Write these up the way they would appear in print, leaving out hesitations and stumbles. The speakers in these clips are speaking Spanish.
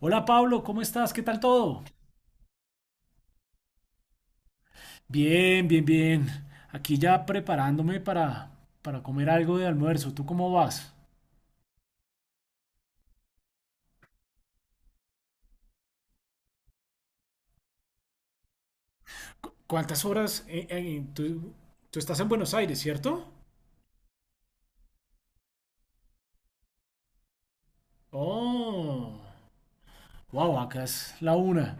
Hola Pablo, ¿cómo estás? ¿Qué tal todo? Bien, bien, bien. Aquí ya preparándome para comer algo de almuerzo. ¿Tú cómo vas? ¿Cuántas horas? Tú estás en Buenos Aires, ¿cierto? Oh, wow, acá es la 1.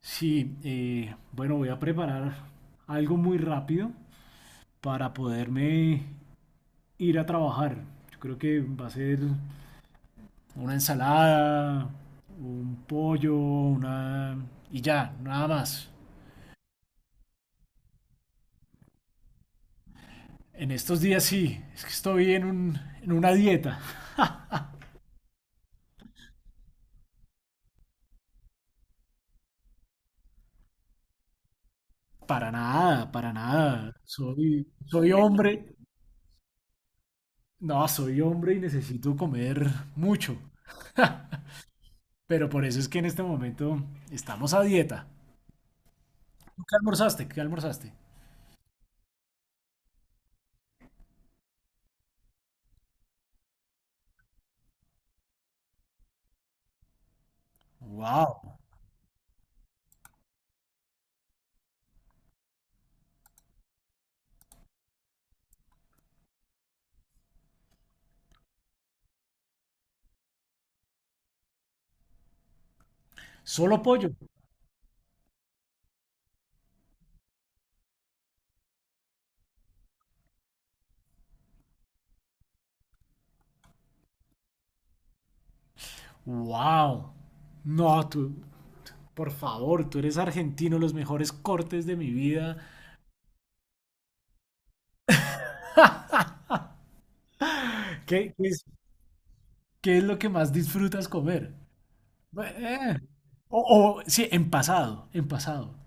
Sí, bueno, voy a preparar algo muy rápido para poderme ir a trabajar. Yo creo que va a ser una ensalada, un pollo, una... y ya, nada más. En estos días sí, es que estoy en una dieta. Para nada, para nada. Soy hombre. No, soy hombre y necesito comer mucho. Pero por eso es que en este momento estamos a dieta. ¿Tú qué almorzaste? ¿Qué almorzaste? Wow. Solo pollo. Wow. No, tú, por favor, tú eres argentino, los mejores cortes de mi vida. ¿Qué, qué es, qué es lo que más disfrutas comer? Eh. O, o, sí, en pasado, en pasado.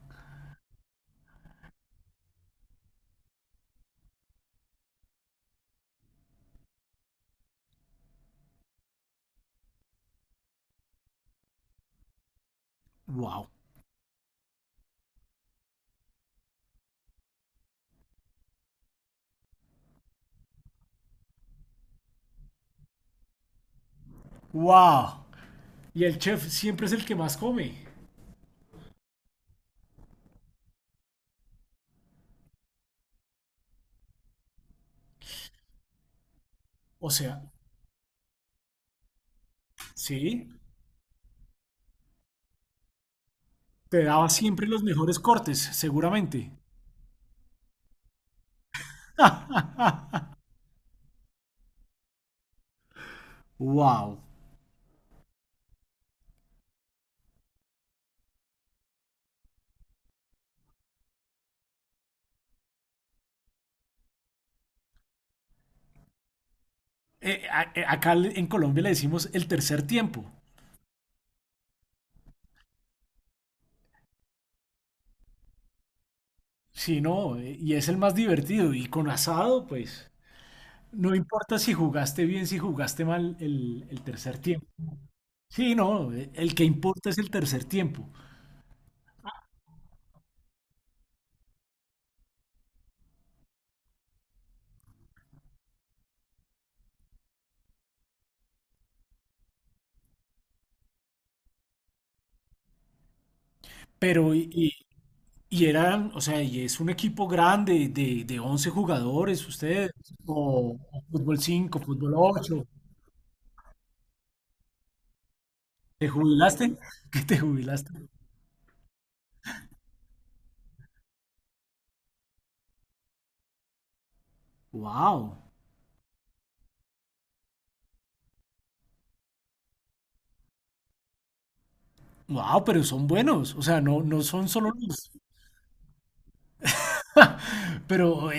Wow. Wow. Y el chef siempre es el que más come. O sea, sí, te daba siempre los mejores cortes, seguramente. Wow. En Colombia le decimos el tercer tiempo. Sí, no, y es el más divertido. Y con asado, pues, no importa si jugaste bien, si jugaste mal el tercer tiempo. Sí, no, el que importa es el tercer tiempo. Pero, y, Y eran, o sea, y es un equipo grande de 11 jugadores, ustedes, o fútbol 5 fútbol 8. ¿Te jubilaste? ¿Qué te jubilaste? Wow, wow, pero son buenos, o sea, no, no son solo los. Pero,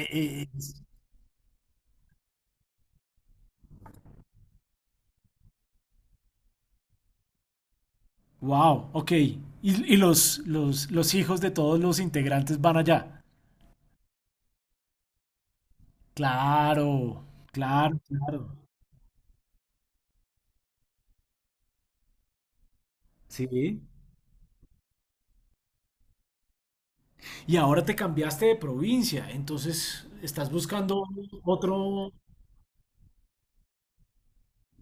wow, ok. Y los hijos de todos los integrantes van allá. Claro, claro, claro. Sí. Y ahora te cambiaste de provincia, entonces estás buscando otro,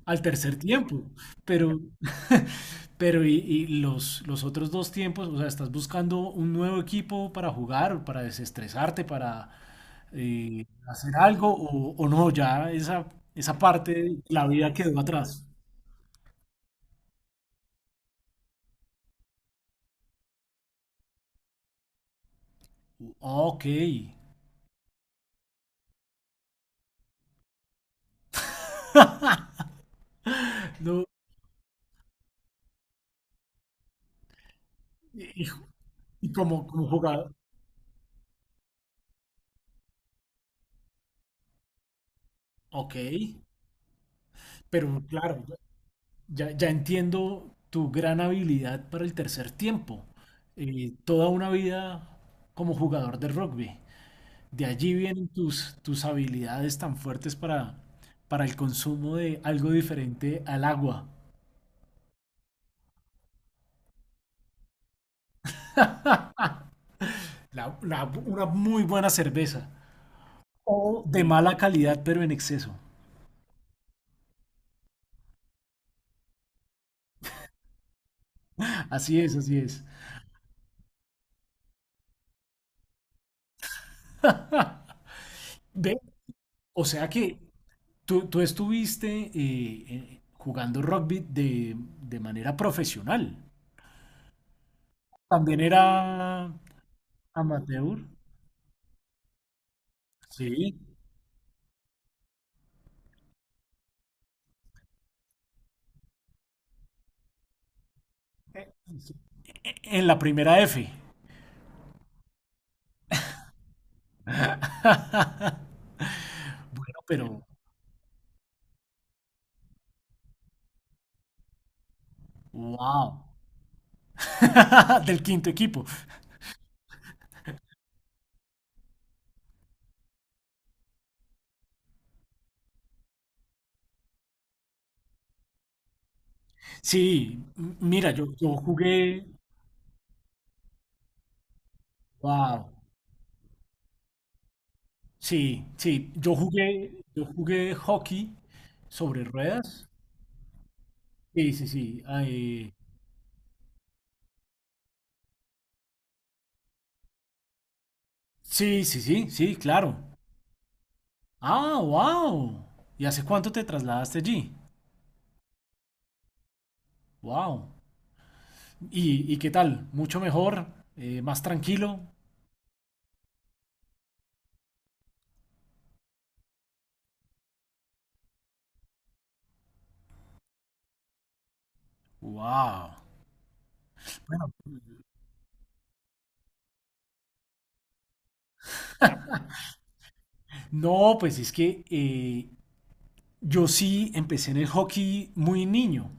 al tercer tiempo, pero, pero, y los otros dos tiempos, o sea, estás buscando un nuevo equipo para jugar, para desestresarte, para, hacer algo, o no, ya esa parte de la vida quedó atrás. Ok, no, y, y como jugador, ok, pero claro, ya, ya entiendo tu gran habilidad para el tercer tiempo, toda una vida como jugador de rugby. De allí vienen tus habilidades tan fuertes para el consumo de algo diferente al agua. Una muy buena cerveza. O de mala calidad, pero en exceso. Así es, así es. Ve, o sea que tú estuviste, jugando rugby de manera profesional. También era amateur. Sí. En la primera F. Bueno, pero wow. Del quinto equipo. Sí, mira, yo jugué, wow, sí, sí, yo jugué hockey sobre ruedas. Sí, sí, sí, ay, sí, sí, sí, sí, claro. Ah, wow. ¿Y hace cuánto te trasladaste allí? Wow. ¿Y qué tal? ¿Mucho mejor? ¿Más tranquilo? Wow. No, pues es que yo sí empecé en el hockey muy niño.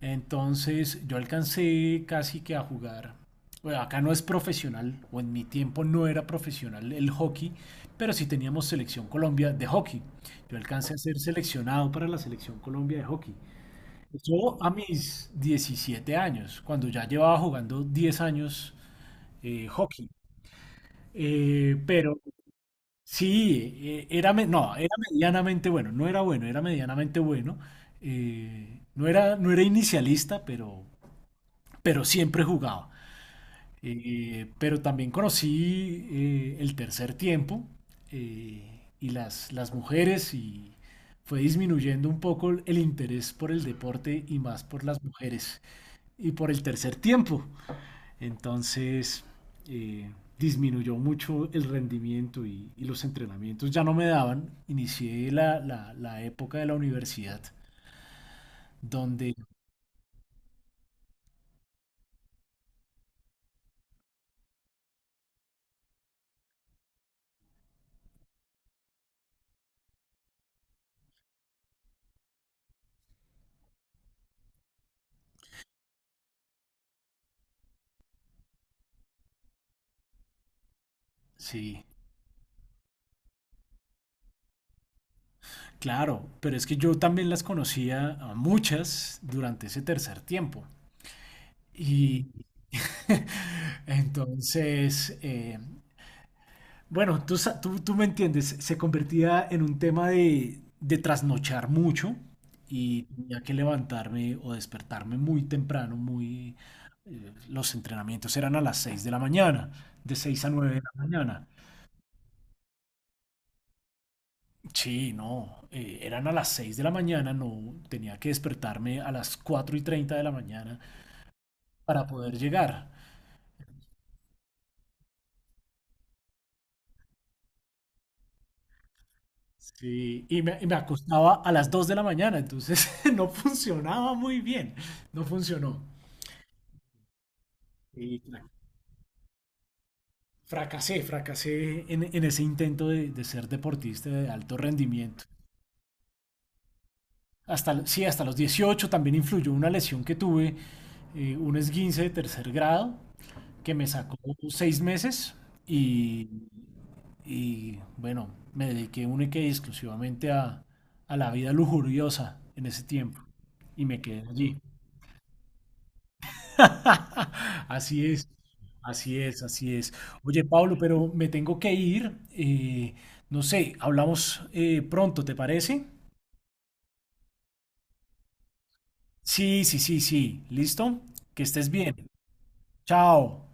Entonces yo alcancé casi que a jugar. Bueno, acá no es profesional, o en mi tiempo no era profesional el hockey, pero sí teníamos selección Colombia de hockey. Yo alcancé a ser seleccionado para la selección Colombia de hockey. Eso a mis 17 años, cuando ya llevaba jugando 10 años , hockey. Pero sí, era, no, era medianamente bueno, no era bueno, era medianamente bueno. No era inicialista, pero siempre jugaba. Pero también conocí, el tercer tiempo, y las mujeres y fue disminuyendo un poco el interés por el deporte y más por las mujeres y por el tercer tiempo. Entonces, eh, disminuyó mucho el rendimiento y los entrenamientos ya no me daban. Inicié la época de la universidad donde sí. Claro, pero es que yo también las conocía a muchas durante ese tercer tiempo. Y entonces, bueno, tú me entiendes, se convertía en un tema de trasnochar mucho y tenía que levantarme o despertarme muy temprano. Los entrenamientos eran a las 6 de la mañana, de 6 a 9 de la mañana. Sí, no, eran a las 6 de la mañana, no, tenía que despertarme a las 4:30 de la mañana para poder llegar. Sí, y me acostaba a las 2 de la mañana, entonces no funcionaba muy bien, no funcionó. Y fracasé en ese intento de ser deportista de alto rendimiento. Sí, hasta los 18 también influyó una lesión que tuve, un esguince de tercer grado, que me sacó 6 meses y, y bueno, me dediqué única y exclusivamente a la vida lujuriosa en ese tiempo y me quedé allí. Así es, así es, así es. Oye, Pablo, pero me tengo que ir. No sé, hablamos, pronto, ¿te parece? Sí, sí, sí, sí. ¿Listo? Que estés bien. Chao.